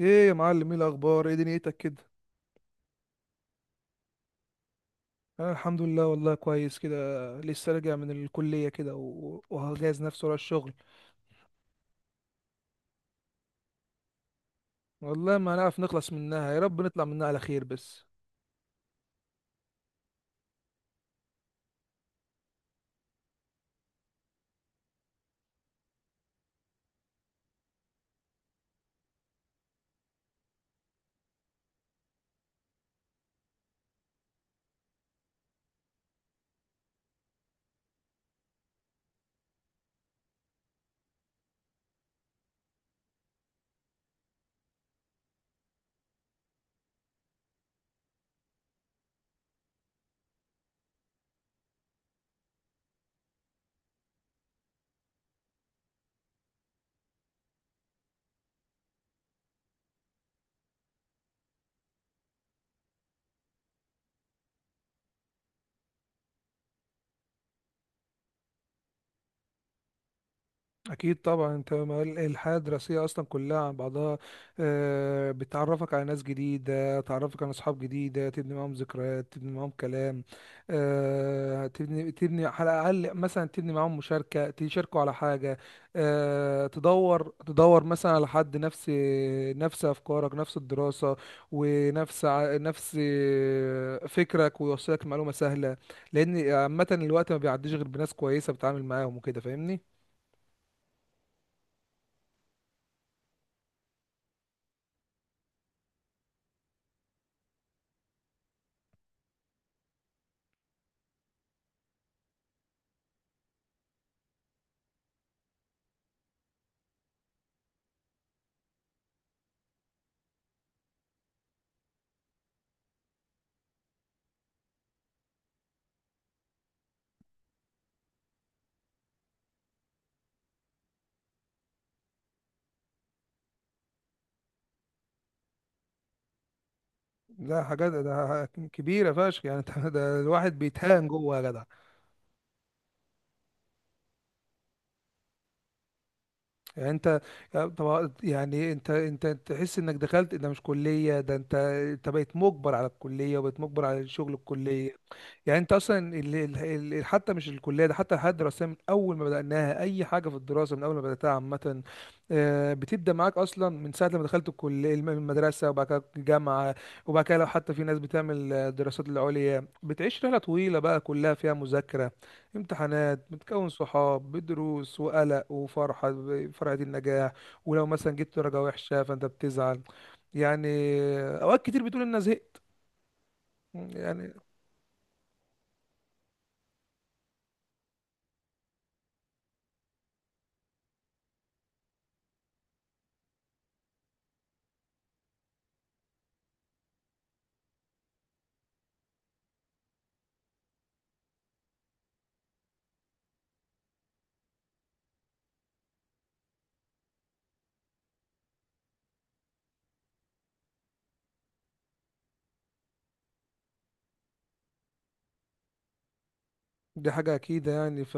ايه يا معلم، ايه الاخبار، ايه دنيتك كده. انا الحمد لله والله كويس كده. لسه راجع من الكليه كده وهجهز نفسي ورا الشغل. والله ما هنعرف نخلص منها، يا رب نطلع منها على خير بس. اكيد طبعا انت الحياه الدراسيه اصلا كلها عن بعضها. بتعرفك على ناس جديده، تعرفك على اصحاب جديده، تبني معاهم ذكريات، تبني معاهم كلام. تبني على الاقل مثلا تبني معاهم مشاركه، تشاركوا على حاجه. تدور مثلا على حد نفس نفس افكارك، نفس الدراسه ونفس ع- نفس فكرك، ويوصلك معلومه سهله. لان عامه الوقت ما بيعديش غير بناس كويسه بتتعامل معاهم وكده، فاهمني. لا، حاجات كبيرة فشخ يعني انت ده الواحد بيتهان جوه يا جدع. يعني انت، طب يعني انت تحس انك دخلت ده مش كلية؟ ده انت بقيت مجبر على الكلية، وبقيت مجبر على شغل الكلية. يعني انت اصلا حتى مش الكليه، ده حتى الحياه الدراسيه من اول ما بداناها، اي حاجه في الدراسه من اول ما بداتها عامه. بتبدا معاك اصلا من ساعه لما دخلت الكليه، المدرسه، وبعد كده الجامعه، وبعد كده لو حتى في ناس بتعمل دراسات العليا، بتعيش رحله طويله بقى كلها فيها مذاكره، امتحانات، بتكون صحاب بدروس، وقلق، وفرحه فرحه النجاح. ولو مثلا جبت درجه وحشه فانت بتزعل. يعني اوقات كتير بتقول ان أنا زهقت. يعني دي حاجة أكيد يعني ف،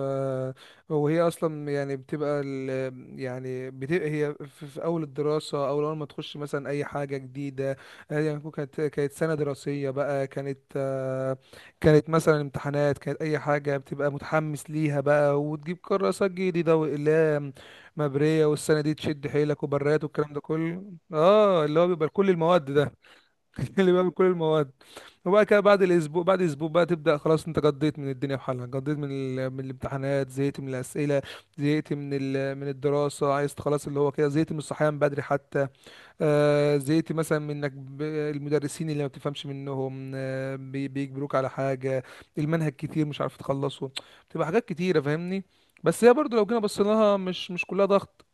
وهي أصلا يعني بتبقى ال... يعني بتبقى هي في أول الدراسة أو أول ما تخش مثلا أي حاجة جديدة. هي يعني كانت سنة دراسية بقى، كانت كانت مثلا امتحانات، كانت أي حاجة بتبقى متحمس ليها بقى، وتجيب كراسات جديدة وأقلام مبرية، والسنة دي تشد حيلك، وبرات، والكلام ده كله. اه، اللي هو بيبقى كل المواد ده. اللي بيعمل كل المواد. وبعد كده بعد الاسبوع، بعد اسبوع بقى تبدا خلاص، انت قضيت من الدنيا بحالها، قضيت من ال... من الامتحانات، زهقت من الاسئله، زهقت من ال... من الدراسه، عايز خلاص اللي هو كده، زهقت من الصحيان بدري حتى. زهقت مثلا من انك المدرسين اللي ما بتفهمش منهم، بيجبروك على حاجه، المنهج كتير مش عارف تخلصه، بتبقى حاجات كتيره، فاهمني. بس هي برضو لو جينا بصينا لها، مش كلها ضغط.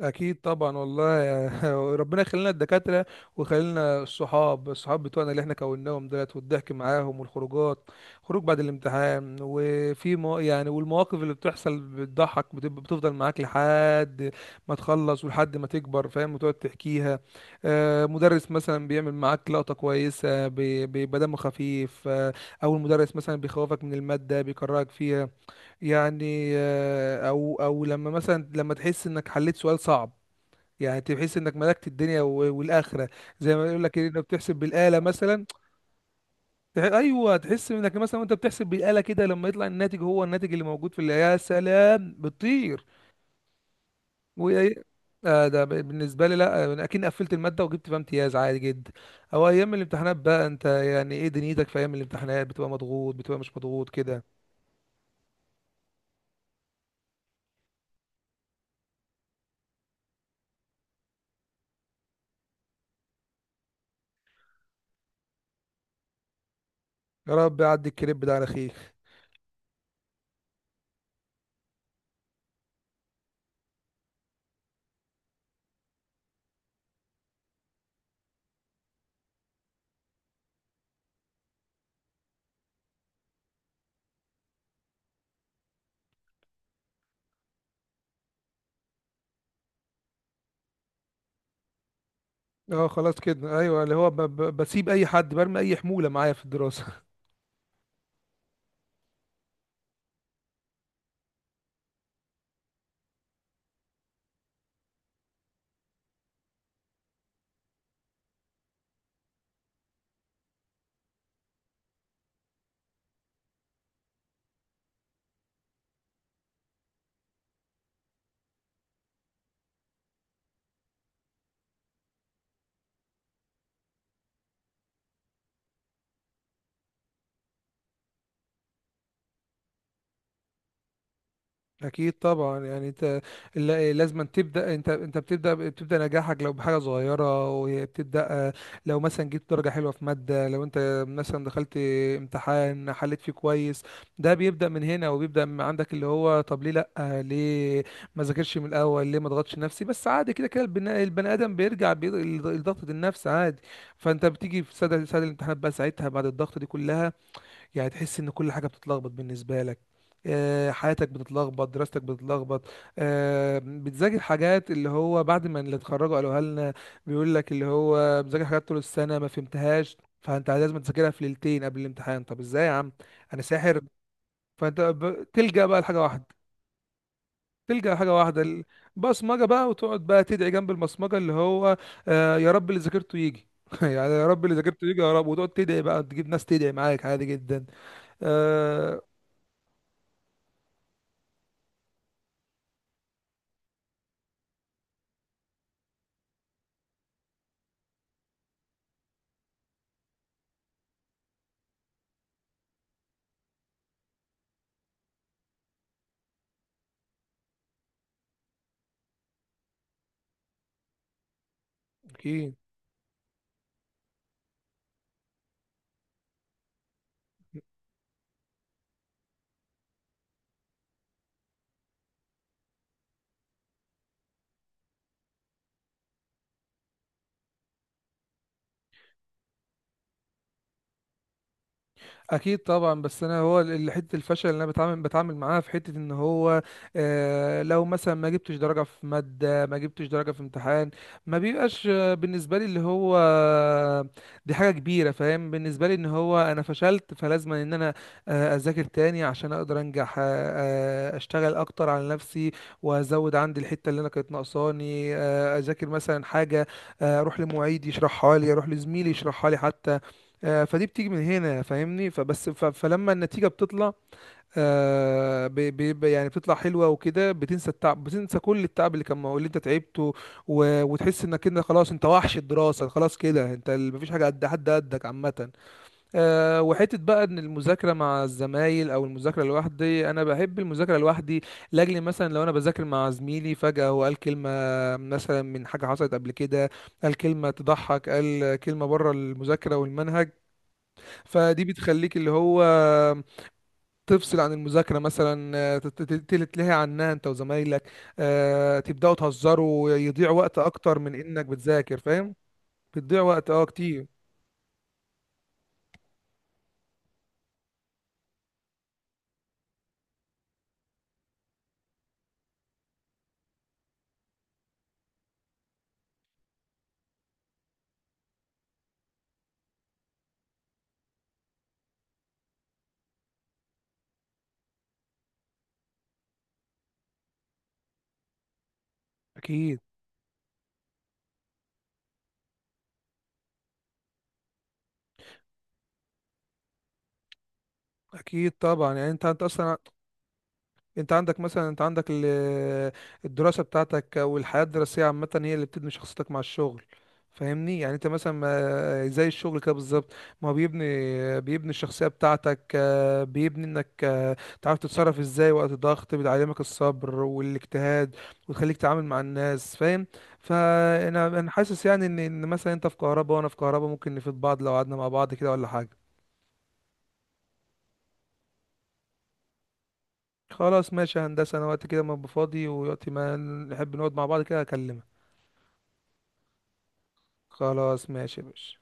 اكيد طبعا والله ربنا يخلينا الدكاتره، ويخلينا الصحاب، بتوعنا اللي احنا كوناهم دولت، والضحك معاهم، والخروجات، خروج بعد الامتحان، وفي مو يعني، والمواقف اللي بتحصل بتضحك، بتبقى بتفضل معاك لحد ما تخلص ولحد ما تكبر، فاهم، وتقعد تحكيها. مدرس مثلا بيعمل معاك لقطه كويسه، بيبقى دمه خفيف، او المدرس مثلا بيخوفك من الماده، بيكرهك فيها. يعني او لما مثلا لما تحس انك حليت سؤال صعب، يعني تحس انك ملكت الدنيا والاخره. زي ما يقول لك انك بتحسب بالاله مثلا. ايوه، تحس انك مثلا وانت بتحسب بالاله كده، لما يطلع الناتج هو الناتج اللي موجود في اللي، يا سلام، بتطير. وهي، آه ده بالنسبه لي، لا انا اكيد قفلت الماده وجبت فيها امتياز عادي جدا. او ايام الامتحانات بقى، انت يعني ايه دنيتك في ايام الامتحانات؟ بتبقى مضغوط، بتبقى مش مضغوط كده؟ يا رب يعدي الكريب ده على خير. اه خلاص كده، ايوه، اللي هو بسيب اي حد برمي اي حموله معايا في الدراسه. اكيد طبعا، يعني انت، لازم تبدا، انت بتبدا نجاحك لو بحاجه صغيره، وبتبدا لو مثلا جبت درجه حلوه في ماده، لو انت مثلا دخلت امتحان حليت فيه كويس، ده بيبدا من هنا وبيبدا من عندك، اللي هو طب ليه لا؟ ليه ما ذاكرش من الاول؟ ليه ما ضغطش نفسي؟ بس عادي كده، كده البني ادم بيرجع لضغطه النفس عادي. فانت بتيجي في سد، الامتحانات بقى ساعتها بعد الضغط دي كلها، يعني تحس ان كل حاجه بتتلخبط بالنسبه لك. حياتك بتتلخبط، دراستك بتتلخبط. بتذاكر حاجات اللي هو بعد ما اللي اتخرجوا قالوها لنا، بيقول لك اللي هو بذاكر حاجات طول السنه ما فهمتهاش، فانت لازم تذاكرها في ليلتين قبل الامتحان. طب ازاي يا عم؟ انا ساحر؟ فانت تلجأ بقى لحاجه واحده، تلجأ لحاجه واحده، البصمجه بقى، وتقعد بقى تدعي جنب البصمجه اللي هو يا رب اللي ذاكرته يجي يعني يا رب اللي ذاكرته يجي يا رب، وتقعد تدعي بقى، تجيب ناس تدعي معاك عادي جدا. آه، اكيد، اكيد طبعا. بس انا هو حته الفشل اللي انا بتعامل معاها في حته ان هو لو مثلا ما جبتش درجه في ماده، ما جبتش درجه في امتحان، ما بيبقاش بالنسبه لي اللي هو دي حاجه كبيره، فاهم، بالنسبه لي ان هو انا فشلت، فلازم ان انا اذاكر تاني عشان اقدر انجح. اشتغل اكتر على نفسي، وازود عندي الحته اللي انا كانت ناقصاني. اذاكر مثلا حاجه، اروح لمعيد يشرحها لي، اروح لزميلي يشرحها لي حتى. فدي بتيجي من هنا، فاهمني، فبس فلما النتيجة بتطلع بيبقى يعني بتطلع حلوة وكده، بتنسى التعب، بتنسى كل التعب اللي كان اللي انت تعبته، وتحس انك انت خلاص، انت وحش الدراسة خلاص كده، انت مفيش حاجة قد حد قدك عامة. وحتة بقى ان المذاكرة مع الزمايل او المذاكرة لوحدي، انا بحب المذاكرة لوحدي. لاجل مثلا لو انا بذاكر مع زميلي، فجأة هو قال كلمة مثلا من حاجة حصلت قبل كده، قال كلمة تضحك، قال كلمة بره المذاكرة والمنهج، فدي بتخليك اللي هو تفصل عن المذاكرة مثلا. تتلهي عنها انت وزمايلك. تبدأوا تهزروا، يضيع وقت اكتر من انك بتذاكر، فاهم. بتضيع وقت، اه، كتير. اكيد، اكيد طبعا. يعني انت، انت اصلا، انت عندك مثلا، انت عندك الدراسة بتاعتك او الحياة الدراسية عامة هي اللي بتبني شخصيتك مع الشغل، فاهمني. يعني انت مثلا زي الشغل كده بالظبط، ما هو بيبني الشخصية بتاعتك. بيبني انك تعرف تتصرف ازاي وقت الضغط، بيعلمك الصبر والاجتهاد، وتخليك تتعامل مع الناس، فاهم. فانا حاسس يعني ان مثلا انت في كهرباء وانا في كهرباء، ممكن نفيد بعض لو قعدنا مع بعض كده ولا حاجة. خلاص ماشي يا هندسة، أنا وقت كده ما أبقى فاضي ووقت ما نحب نقعد مع بعض كده أكلمك. خلاص ماشي يا باشا.